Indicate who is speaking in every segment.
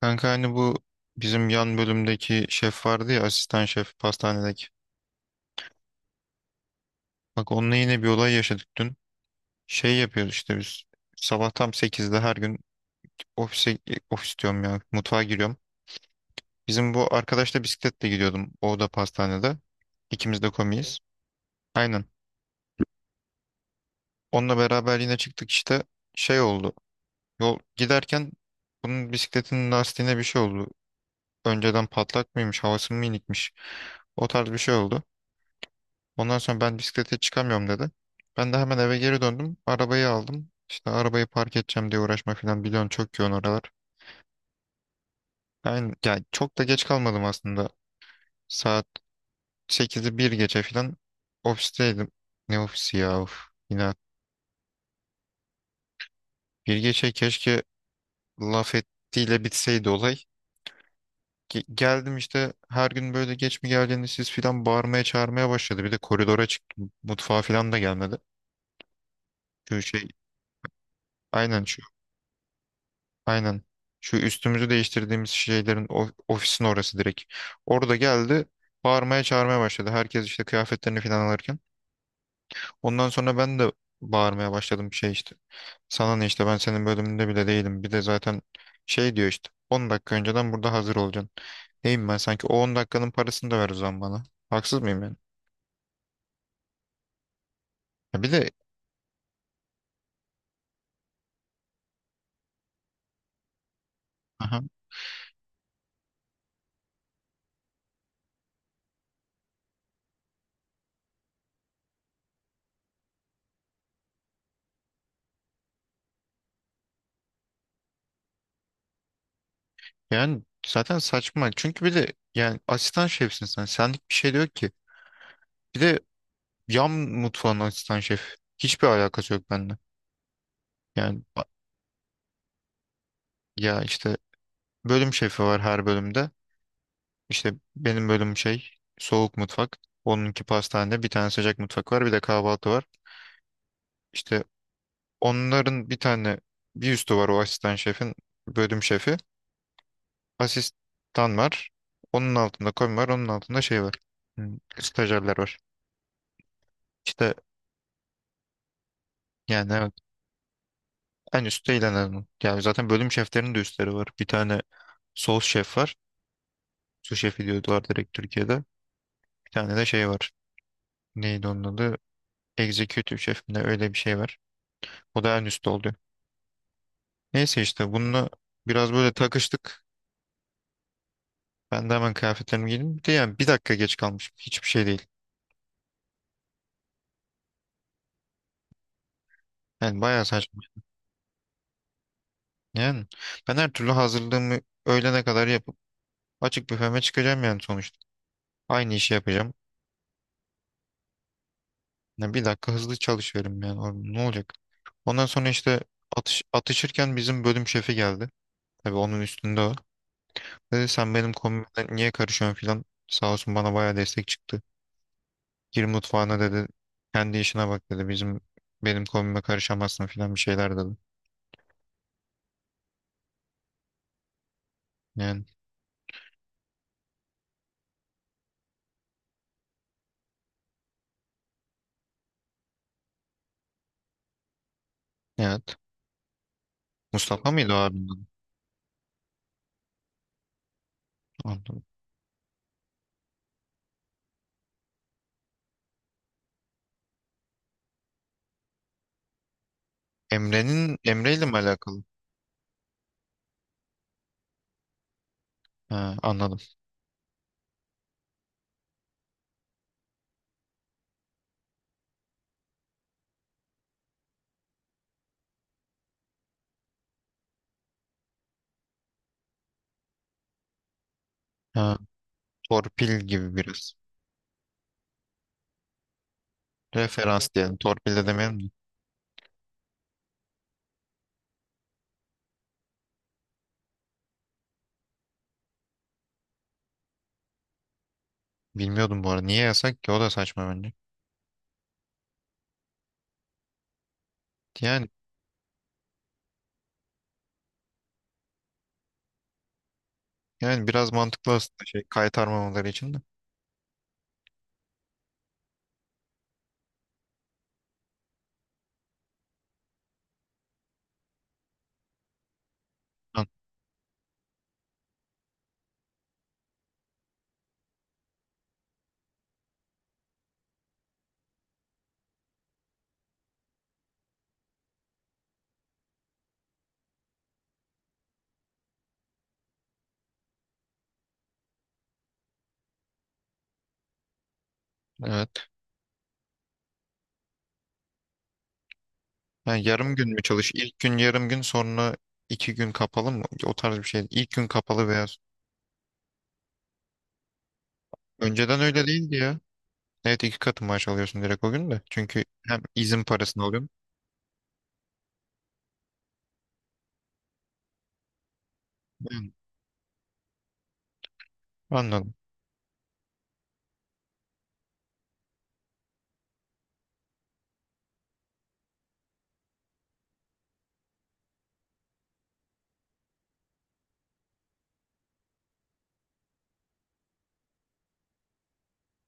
Speaker 1: Kanka hani bu bizim yan bölümdeki şef vardı ya, asistan şef pastanedeki. Bak, onunla yine bir olay yaşadık dün. Şey yapıyoruz işte biz sabah tam sekizde her gün ofise ofis diyorum ya, mutfağa giriyorum. Bizim bu arkadaşla bisikletle gidiyordum. O da pastanede. İkimiz de komiyiz. Aynen. Onunla beraber yine çıktık işte, şey oldu. Yol giderken bunun bisikletinin lastiğine bir şey oldu. Önceden patlak mıymış, havası mı inikmiş. O tarz bir şey oldu. Ondan sonra ben bisiklete çıkamıyorum dedi. Ben de hemen eve geri döndüm. Arabayı aldım. İşte arabayı park edeceğim diye uğraşma falan, biliyorsun çok yoğun oralar. Ben yani çok da geç kalmadım aslında. Saat sekizi bir geçe falan ofisteydim. Ne ofisi ya, of. Yine bir geçe keşke laf ettiğiyle bitseydi olay. Geldim işte, her gün böyle geç mi geldiğini siz filan bağırmaya çağırmaya başladı. Bir de koridora çıktım. Mutfağa filan da gelmedi. Şu şey, aynen şu. Aynen. Şu üstümüzü değiştirdiğimiz şeylerin, ofisin orası direkt. Orada geldi. Bağırmaya çağırmaya başladı. Herkes işte kıyafetlerini falan alırken. Ondan sonra ben de bağırmaya başladım şey işte. Sana ne işte, ben senin bölümünde bile değilim. Bir de zaten şey diyor işte, 10 dakika önceden burada hazır olacaksın. Neyim ben sanki, o 10 dakikanın parasını da ver o zaman bana. Haksız mıyım yani? Ya bir de aha, yani zaten saçma. Çünkü bir de yani asistan şefsin sen. Senlik bir şey diyor ki. Bir de yan mutfağın asistan şef. Hiçbir alakası yok bende. Yani ya işte, bölüm şefi var her bölümde. İşte benim bölüm şey, soğuk mutfak. Onunki pastanede, bir tane sıcak mutfak var, bir de kahvaltı var. İşte onların bir tane bir üstü var, o asistan şefin bölüm şefi. Asistan var. Onun altında komi var. Onun altında şey var. Hmm, stajyerler var. İşte yani evet. En üstte ilan. Yani zaten bölüm şeflerinin de üstleri var. Bir tane sos şef var. Su şefi diyorlar direkt Türkiye'de. Bir tane de şey var. Neydi onun adı? Executive şef mi ne, öyle bir şey var. O da en üstte oluyor. Neyse, işte bununla biraz böyle takıştık. Ben de hemen kıyafetlerimi giydim. Bir de yani bir dakika geç kalmış, hiçbir şey değil. Yani bayağı saçma. Yani ben her türlü hazırlığımı öğlene kadar yapıp açık büfeme çıkacağım yani sonuçta. Aynı işi yapacağım. Yani bir dakika hızlı çalışıyorum yani. Orada ne olacak? Ondan sonra işte atışırken bizim bölüm şefi geldi. Tabii onun üstünde o. Dedi sen benim kombime niye karışıyorsun filan. Sağ olsun bana bayağı destek çıktı. Gir mutfağına dedi. Kendi işine bak dedi. Benim kombime karışamazsın filan bir şeyler dedi. Yani evet. Mustafa mıydı o abinin adı? Anladım. Emre'yle mi alakalı? Ha, anladım. Ha, torpil gibi biraz. Referans diyelim. Torpil de demeyelim de. Bilmiyordum bu arada. Niye yasak ki? O da saçma bence. Yani yani biraz mantıklı aslında şey, kaytarmamaları için de. Ha, evet. Ha, yarım gün mü çalış? İlk gün yarım gün, sonra iki gün kapalı mı? O tarz bir şey. İlk gün kapalı veya önceden öyle değildi ya. Evet, iki katı maaş alıyorsun direkt o gün de. Çünkü hem izin parasını alıyorsun. Yani anladım.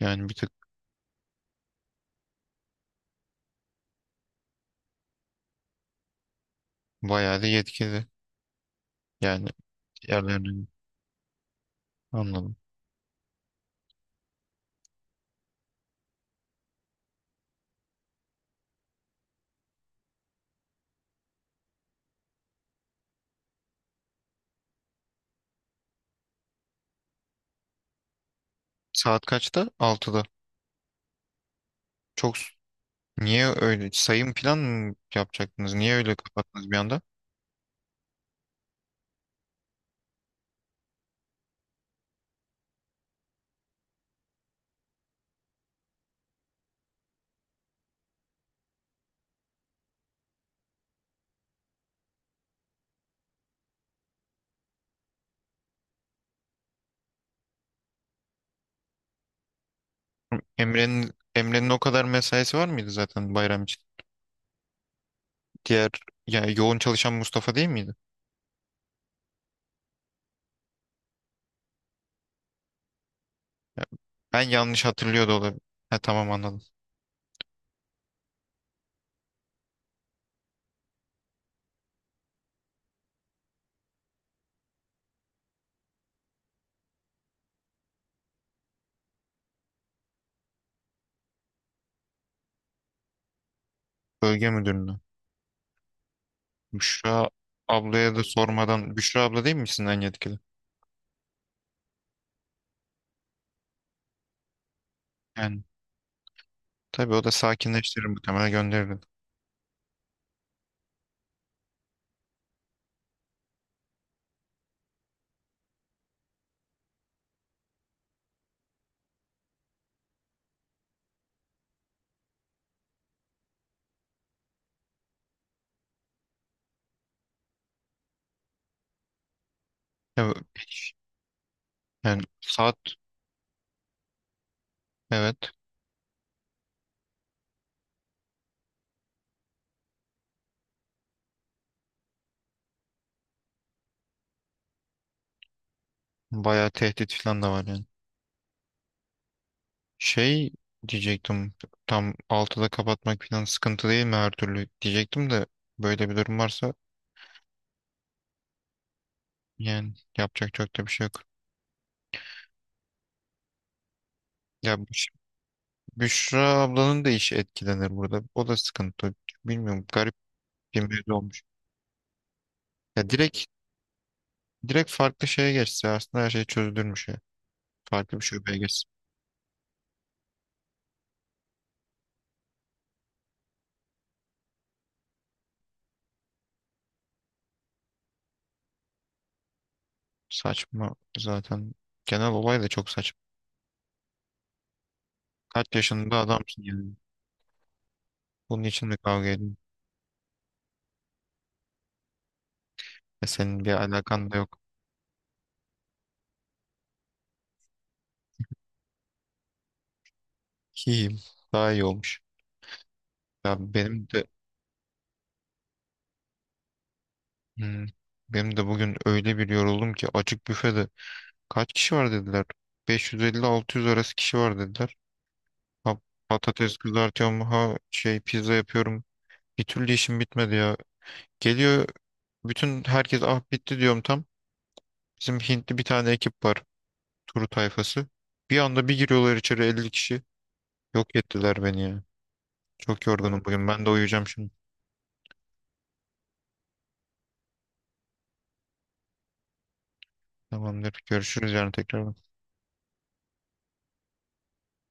Speaker 1: Yani bir tık bayağı da yetkili. Yani diğerlerinin, anladım. Saat kaçta? Altıda. Çok s- niye öyle sayım plan mı yapacaktınız? Niye öyle kapattınız bir anda? Emre'nin o kadar mesaisi var mıydı zaten bayram için? Diğer, yani yoğun çalışan Mustafa değil miydi? Ya, ben yanlış hatırlıyor da olabilir. Ha tamam, anladım. Bölge müdürünü. Büşra ablaya da sormadan. Büşra abla değil misin en yetkili? Yani tabii o da sakinleştirir, muhtemelen gönderir. Ya, bu- yani saat, evet, bayağı tehdit falan da var yani. Şey diyecektim, tam 6'da kapatmak falan sıkıntı değil mi her türlü diyecektim de böyle bir durum varsa yani yapacak çok da bir şey yok. Ya Büş- Büşra ablanın da işi etkilenir burada. O da sıkıntı. Bilmiyorum. Kim belli olmuş. Ya direkt farklı şeye geçse aslında her şey çözülürmüş ya. Farklı bir şubeye geçse. Saçma zaten. Genel olay da çok saçma. Kaç yaşında adamsın yani. Bunun için mi kavga edin? Ya senin bir alakan da yok. Ki daha iyi olmuş. Ya benim de hmm, benim de bugün öyle bir yoruldum ki açık büfede kaç kişi var dediler. 550-600 arası kişi var dediler. Ha, patates kızartıyorum, ha şey, pizza yapıyorum. Bir türlü işim bitmedi ya. Geliyor. Bütün herkes, ah bitti diyorum tam. Bizim Hintli bir tane ekip var. Turu tayfası. Bir anda bir giriyorlar içeri 50 kişi. Yok ettiler beni ya. Çok yorgunum bugün. Ben de uyuyacağım şimdi. Tamamdır. Görüşürüz yarın tekrar.